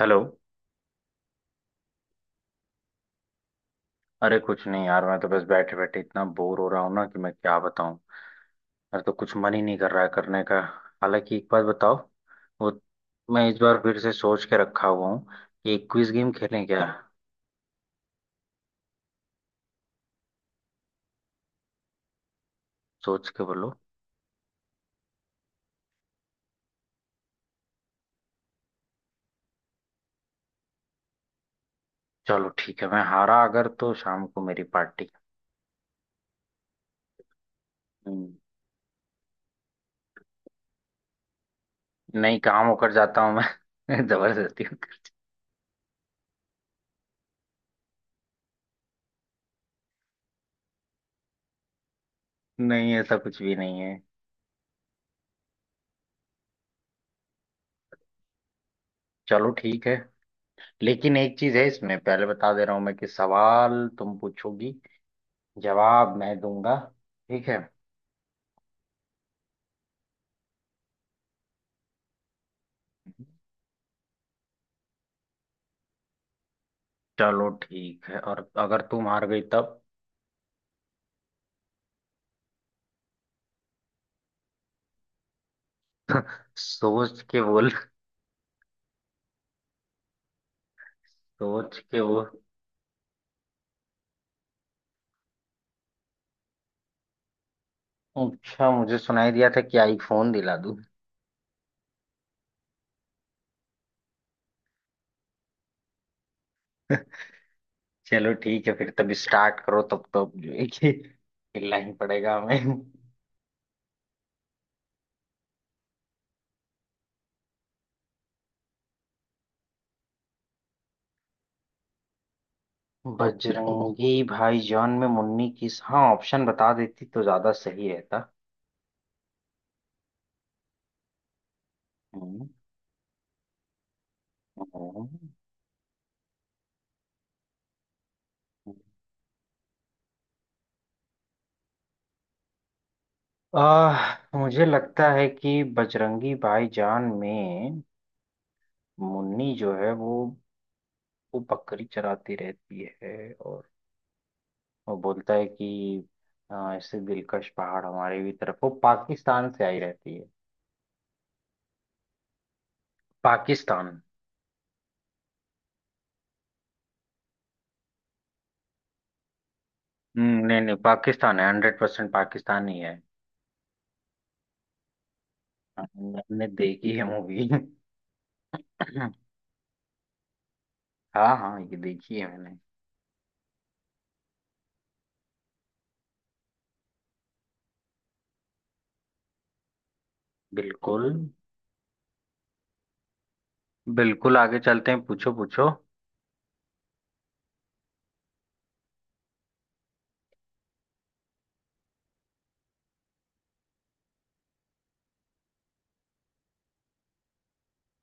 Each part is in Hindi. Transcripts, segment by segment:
हेलो। अरे कुछ नहीं यार, मैं तो बस बैठे बैठे इतना बोर हो रहा हूँ ना कि मैं क्या बताऊँ। मेरा तो कुछ मन ही नहीं कर रहा है करने का। हालांकि एक बात बताओ। वो मैं इस बार फिर से सोच के रखा हुआ हूँ कि एक क्विज गेम खेलें क्या? सोच के बोलो। चलो ठीक है, मैं हारा अगर तो शाम को मेरी पार्टी। हम्म। नहीं, काम होकर जाता हूँ मैं जबरदस्ती होकर। नहीं, ऐसा कुछ भी नहीं है। चलो ठीक है। लेकिन एक चीज है, इसमें पहले बता दे रहा हूँ मैं कि सवाल तुम पूछोगी, जवाब मैं दूंगा। ठीक है? चलो ठीक है, और अगर तू हार गई तब? सोच के बोल। सोच के वो अच्छा, मुझे सुनाई दिया था कि आईफोन दिला दूं। चलो ठीक है फिर, तब स्टार्ट करो, तब तो अब जो है कि खेलना ही पड़ेगा हमें। बजरंगी भाईजान में मुन्नी किस, हाँ ऑप्शन बता देती तो ज्यादा सही रहता। हम्म। हम्म। आह, मुझे लगता है कि बजरंगी भाईजान में मुन्नी जो है वो बकरी चराती रहती है, और वो बोलता है कि ऐसे दिलकश पहाड़ हमारे भी तरफ, वो पाकिस्तान से आई रहती है। पाकिस्तान। नहीं नहीं, पाकिस्तान है, 100% पाकिस्तान ही है। हाँ, मैंने देखी है मूवी। हाँ हाँ, ये देखी है मैंने। बिल्कुल। बिल्कुल आगे चलते हैं, पूछो पूछो।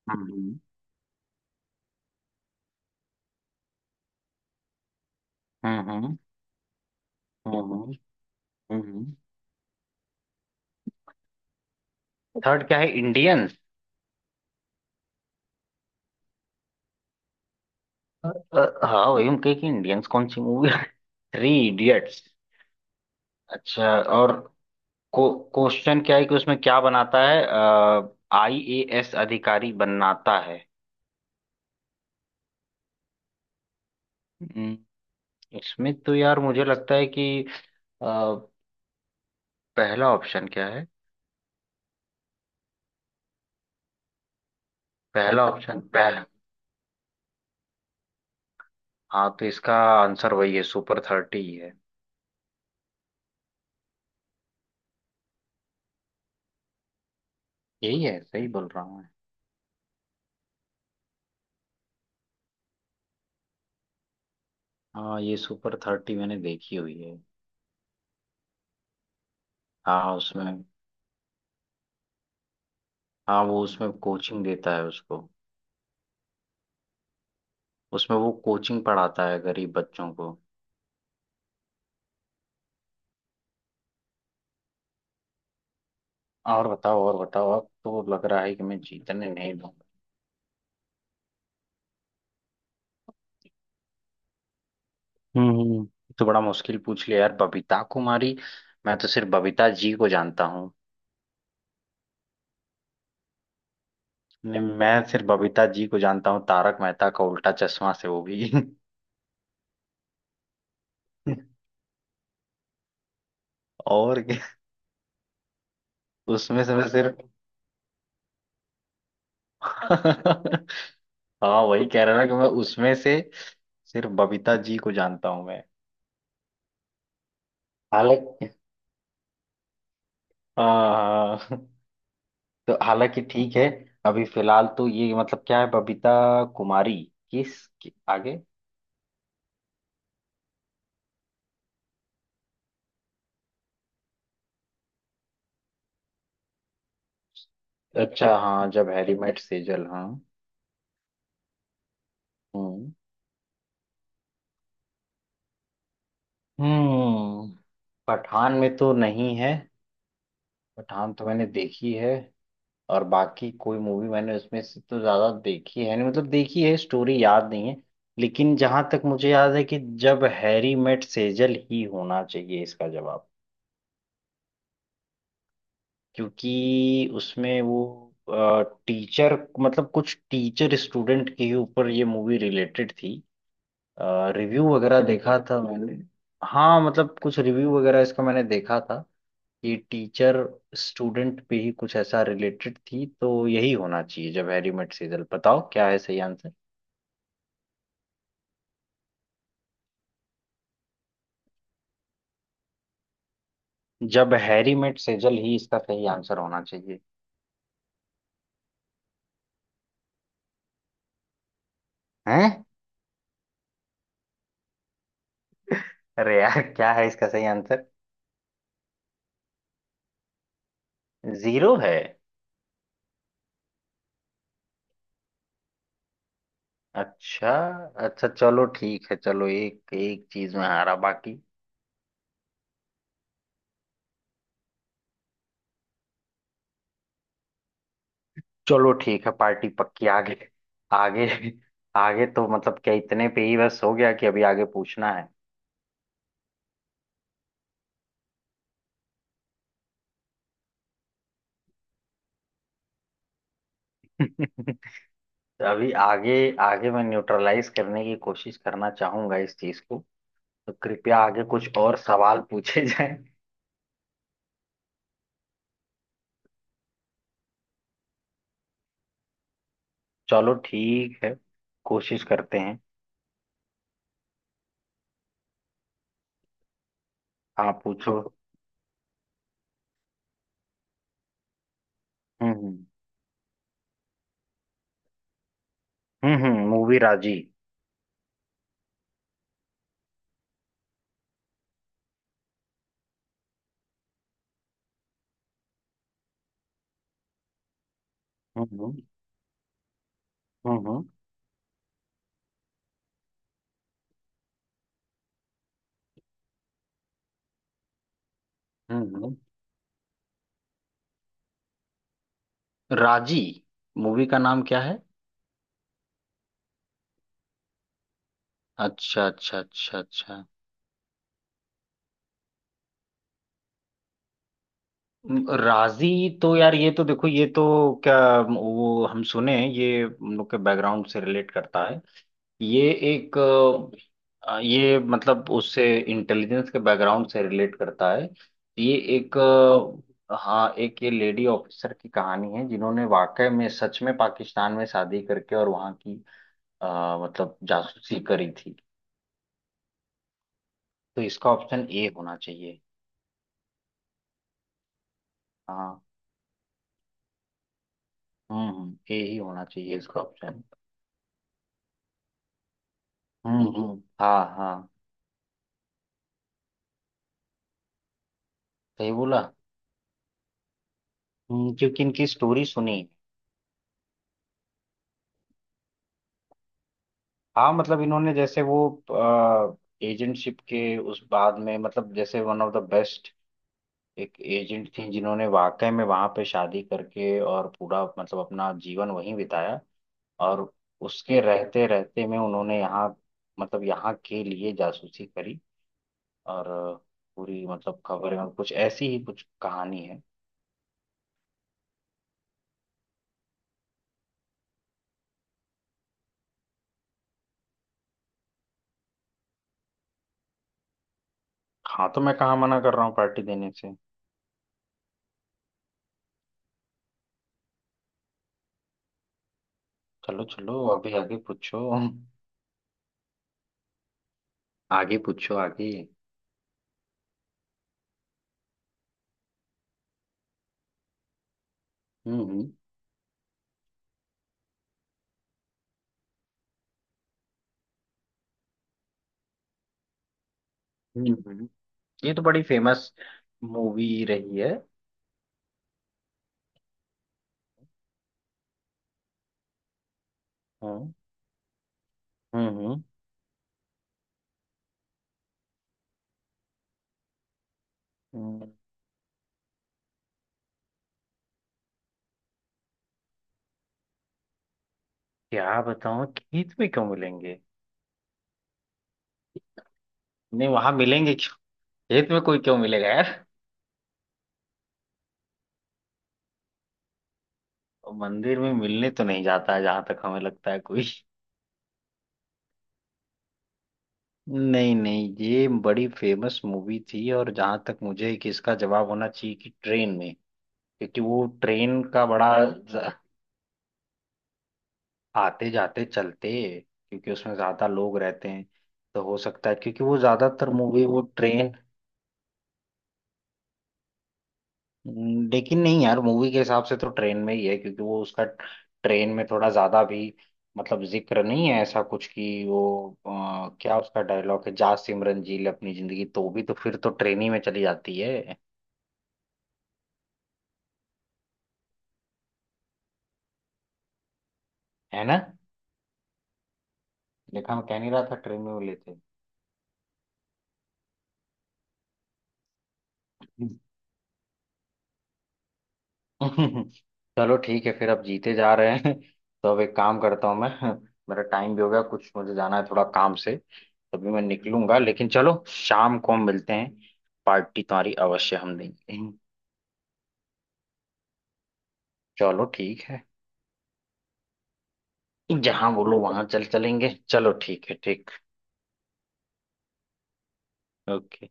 हम्म। हम्म। हम्म। हम्म। थर्ड क्या है, इंडियंस? हाँ वही हम कहे कि इंडियंस कौन सी मूवी है। Three idiots. अच्छा, और को क्वेश्चन क्या है कि उसमें क्या बनाता है, आईएएस अधिकारी बनाता है। हम्म, इसमें तो यार मुझे लगता है कि अ, पहला ऑप्शन क्या है, पहला ऑप्शन पहला। हाँ, तो इसका आंसर वही है, सुपर 30 ही है। यही है, सही बोल रहा हूँ मैं। हाँ, ये सुपर 30 मैंने देखी हुई है। हाँ उसमें, हाँ वो उसमें कोचिंग देता है उसको, उसमें वो कोचिंग पढ़ाता है गरीब बच्चों को। हाँ, और बताओ और बताओ, अब तो लग रहा है कि मैं जीतने नहीं दूंगा। हम्म। तो बड़ा मुश्किल पूछ लिया यार, बबीता कुमारी। मैं तो सिर्फ बबीता जी को जानता हूँ। नहीं, मैं सिर्फ बबीता जी को जानता हूँ तारक मेहता का उल्टा चश्मा से, वो भी। और क्या? उसमें से मैं सिर्फ हाँ वही कह रहा ना कि मैं उसमें से सिर्फ बबीता जी को जानता हूँ मैं। हालांकि, हाँ हाँ। तो हालांकि ठीक है। अभी फिलहाल तो ये मतलब क्या है, बबीता कुमारी किस कि, आगे? अच्छा, हाँ जब हैरी मेट सेजल, हाँ। हम्म। हम्म। पठान में तो नहीं है, पठान तो मैंने देखी है, और बाकी कोई मूवी मैंने उसमें से तो ज्यादा देखी है नहीं, मतलब देखी है स्टोरी याद नहीं है। लेकिन जहां तक मुझे याद है कि जब हैरी मेट सेजल ही होना चाहिए इसका जवाब, क्योंकि उसमें वो टीचर, मतलब कुछ टीचर स्टूडेंट के ऊपर ये मूवी रिलेटेड थी, रिव्यू वगैरह देखा था मैंने। हाँ मतलब कुछ रिव्यू वगैरह इसका मैंने देखा था कि टीचर स्टूडेंट पे ही कुछ ऐसा रिलेटेड थी, तो यही होना चाहिए, जब हैरी मेट सेजल। बताओ क्या है सही आंसर। जब हैरी मेट सेजल ही इसका सही आंसर होना चाहिए। हैं? अरे यार, क्या है इसका सही आंसर? जीरो है? अच्छा। अच्छा चलो ठीक है, चलो एक एक चीज में हारा बाकी। चलो ठीक है, पार्टी पक्की, आगे, आगे। आगे तो मतलब क्या, इतने पे ही बस हो गया कि अभी आगे पूछना है? अभी आगे, आगे मैं न्यूट्रलाइज करने की कोशिश करना चाहूंगा इस चीज को, तो कृपया आगे कुछ और सवाल पूछे जाएं। चलो ठीक है, कोशिश करते हैं। आप पूछो। हम्म। मूवी राजी। हम्म हम्म। हम्म। हम्म। राजी मूवी का नाम क्या है? अच्छा अच्छा अच्छा अच्छा। राजी तो यार, ये तो देखो, ये तो क्या, वो हम सुने ये हम लोग के बैकग्राउंड से रिलेट करता है, ये एक ये मतलब उससे इंटेलिजेंस के बैकग्राउंड से रिलेट करता है। ये एक हाँ, एक ये लेडी ऑफिसर की कहानी है जिन्होंने वाकई में सच में पाकिस्तान में शादी करके और वहाँ की मतलब जासूसी करी थी। तो इसका ऑप्शन ए होना चाहिए। हाँ। ए ही होना चाहिए इसका ऑप्शन। हाँ हाँ, सही बोला। क्योंकि इनकी स्टोरी सुनी। हाँ, मतलब इन्होंने जैसे वो एजेंटशिप के उस बाद में, मतलब जैसे वन ऑफ द बेस्ट एक एजेंट थी जिन्होंने वाकई में वहां पे शादी करके और पूरा मतलब अपना जीवन वहीं बिताया, और उसके रहते रहते में उन्होंने यहाँ, मतलब यहाँ के लिए जासूसी करी, और पूरी मतलब खबर है, कुछ ऐसी ही कुछ कहानी है। हाँ, तो मैं कहाँ मना कर रहा हूँ पार्टी देने से। चलो चलो, अभी आगे पूछो, आगे पूछो, आगे। हम्म। हम्म। हम्म। हम्म। ये तो बड़ी फेमस मूवी रही है। हम्म। हम्म। हम्म। हम्म। क्या बताऊँ, खेत में क्यों मिलेंगे, नहीं वहां मिलेंगे क्यों, खेत में कोई क्यों मिलेगा यार, और मंदिर में मिलने तो नहीं जाता है जहां तक हमें लगता है कोई। नहीं नहीं, ये बड़ी फेमस मूवी थी, और जहां तक मुझे कि इसका जवाब होना चाहिए कि ट्रेन में, क्योंकि वो ट्रेन का बड़ा आते जाते चलते, क्योंकि उसमें ज्यादा लोग रहते हैं, तो हो सकता है क्योंकि वो ज्यादातर मूवी वो ट्रेन, लेकिन नहीं यार मूवी के हिसाब से तो ट्रेन में ही है, क्योंकि वो उसका ट्रेन में थोड़ा ज्यादा भी मतलब जिक्र नहीं है ऐसा कुछ कि वो क्या उसका डायलॉग है जा सिमरन जी ले अपनी जिंदगी, तो भी तो फिर तो ट्रेन ही में चली जाती है। है ना? देखा, मैं कह नहीं रहा था ट्रेन में वो लेते हैं। चलो ठीक है फिर, अब जीते जा रहे हैं। तो अब एक काम करता हूँ मैं। मेरा टाइम भी हो गया कुछ, मुझे जाना है थोड़ा काम से, तभी मैं निकलूंगा, लेकिन चलो शाम को हम मिलते हैं, पार्टी तुम्हारी अवश्य हम देंगे। चलो ठीक है। जहाँ बोलो वहां चल चलेंगे, चलो ठीक है, ठीक। ओके।